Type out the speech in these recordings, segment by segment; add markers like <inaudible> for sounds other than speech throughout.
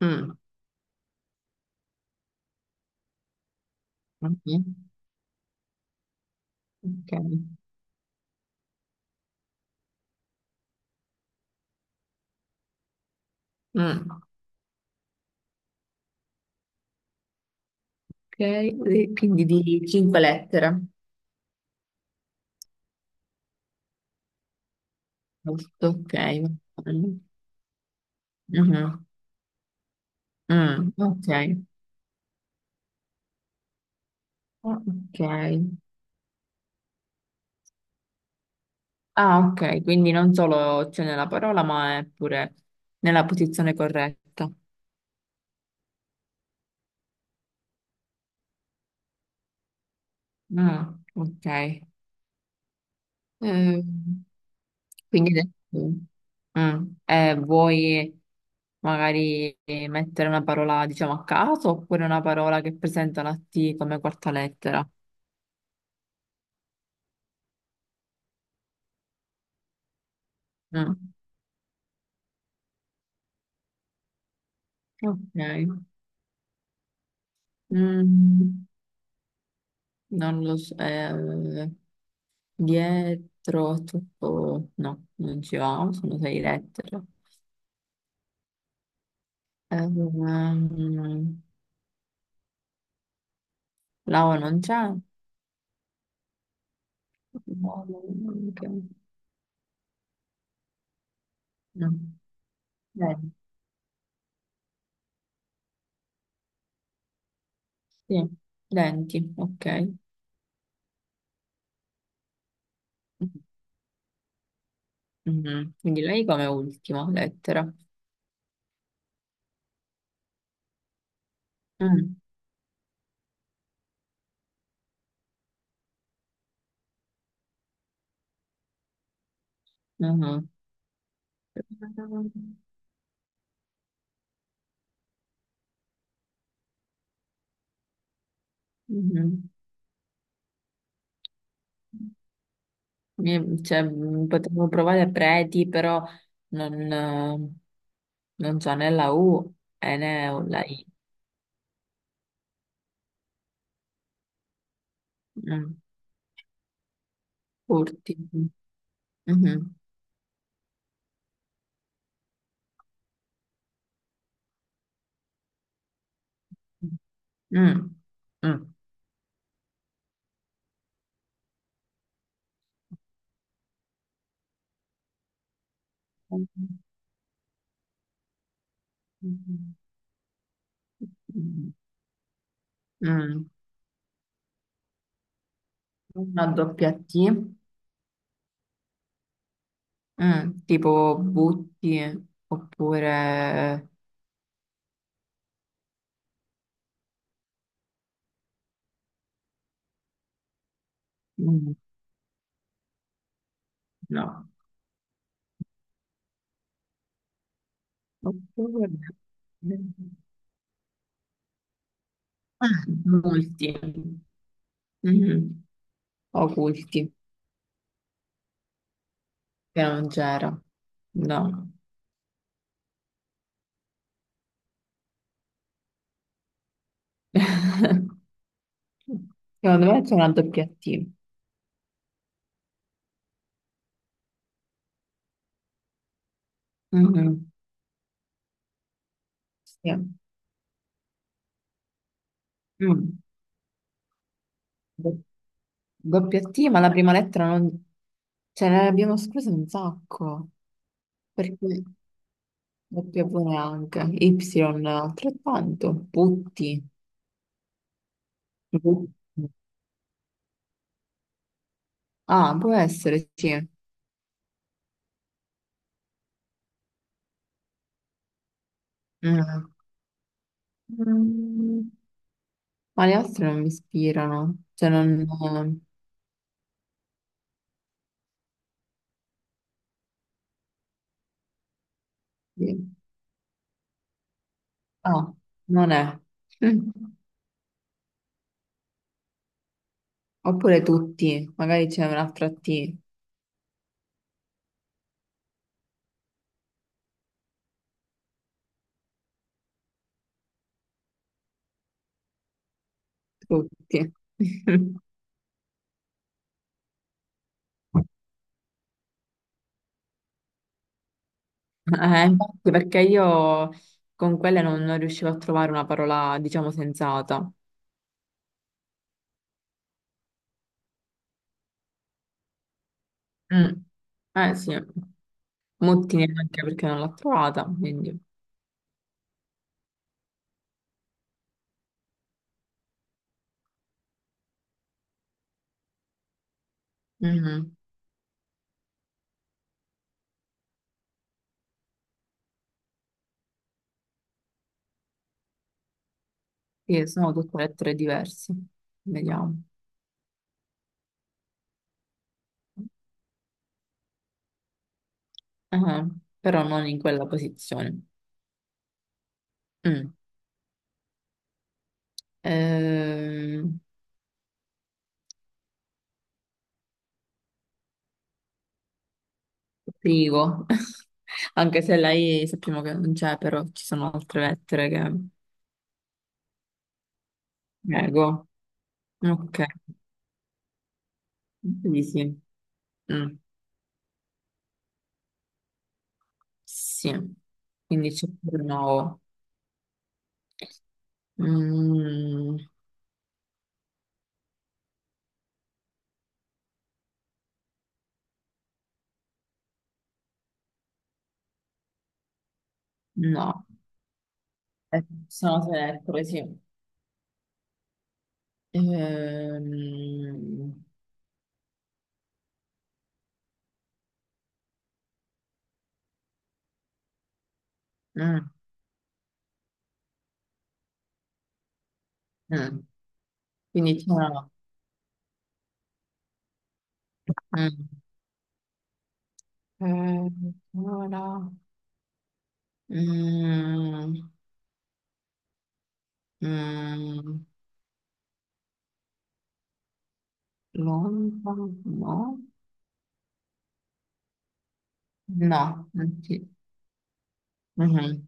Mm, ok, mm, ok, e quindi di cinque lettere, giusto? Ok, va bene. Mhm, mm, ok, ok. Ah, ok, quindi non solo c'è nella parola, ma è pure nella posizione corretta. Mm, ok, Ehm, quindi vuoi magari mettere una parola, diciamo, a caso, oppure una parola che presenta la T come quarta lettera? Mm, ok. Mm, non lo so, dietro tutto, no, non ci va, sono sei lettere. Ehm, la O non c'è, no, no, no, no. Denti, sì. Denti, ok. Mhm, quindi lei come ultima lettera. Mm, mhm. Mhm. Cioè, potevo provare preti, però non, eh, non c'è né la U e né la I. Mm. Curti. Mhm. Mm. Mm. Mm. Mm. Una doppia T, mm. Tipo butti, oppure mm, no, oppure ah, molti, mhm. Oculti, che non c'era, no. <laughs> Secondo me c'è una doppia T. Mhm. Sì. Mm. Doppia T, ma la prima lettera non. Ce ne abbiamo escluse un sacco, perché doppia V neanche, Y altrettanto, putti. Putti. Ah, può essere, sì. Mm. Mm, ma le altre non mi ispirano, cioè non. Sì. Ah, non è. Mm. Oppure tutti, magari c'è un'altra T, tutti. <laughs> Infatti, perché io con quelle non riuscivo a trovare una parola, diciamo, sensata. Mm. Eh sì, Mottini anche perché non l'ho trovata, quindi. Mhm. Sì, sono tutte lettere diverse. Vediamo. Ah, però non in quella posizione. Mm. Ehm, Privo. <laughs> Anche se la I sappiamo che non c'è, però ci sono altre lettere che. Prego. Ok, quindi sì. Mm. Sì, quindi c'è pure nuovo. Mm, no, sono tre lettere, sì. Ehm, mm, mm. Quindi c'è una. No, mm. Allora, mm, mm, Londra, no? No, non ci- mhm.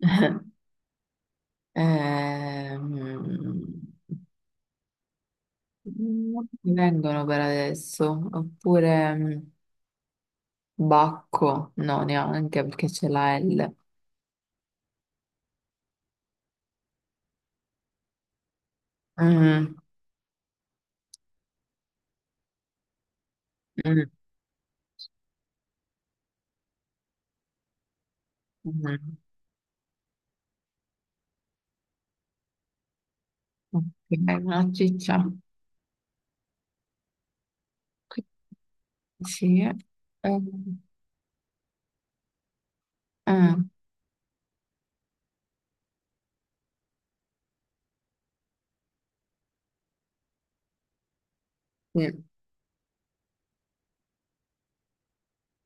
<laughs> Ehm, Non mi vengono per adesso, oppure. Bacco, no, neanche perché c'è la L. Mm, mm, mm. Ok, una ciccia. Sì. eh, eh, sì.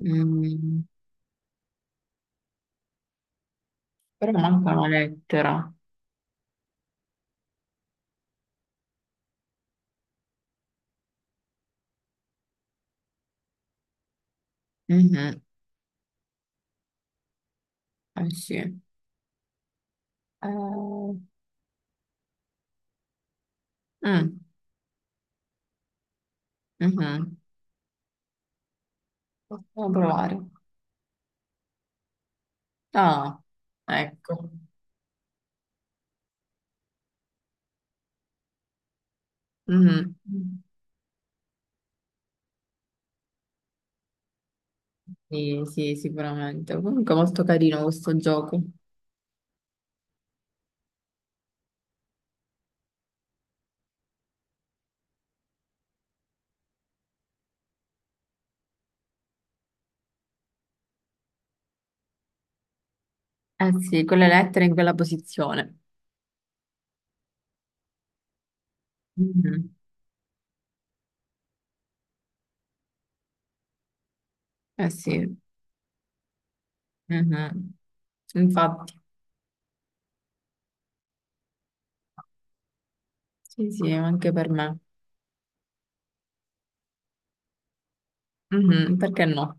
Mm, però manca una lettera. Mhm, eh sì. Mm, mhm. Possiamo provare. Ah, ecco. Mhm. Sì, sì, sicuramente. Comunque molto carino questo gioco. Eh sì, con le lettere in quella posizione. Mhm. Eh sì. Mhm. Infatti, sì, sì, anche per me. Mhm, perché no?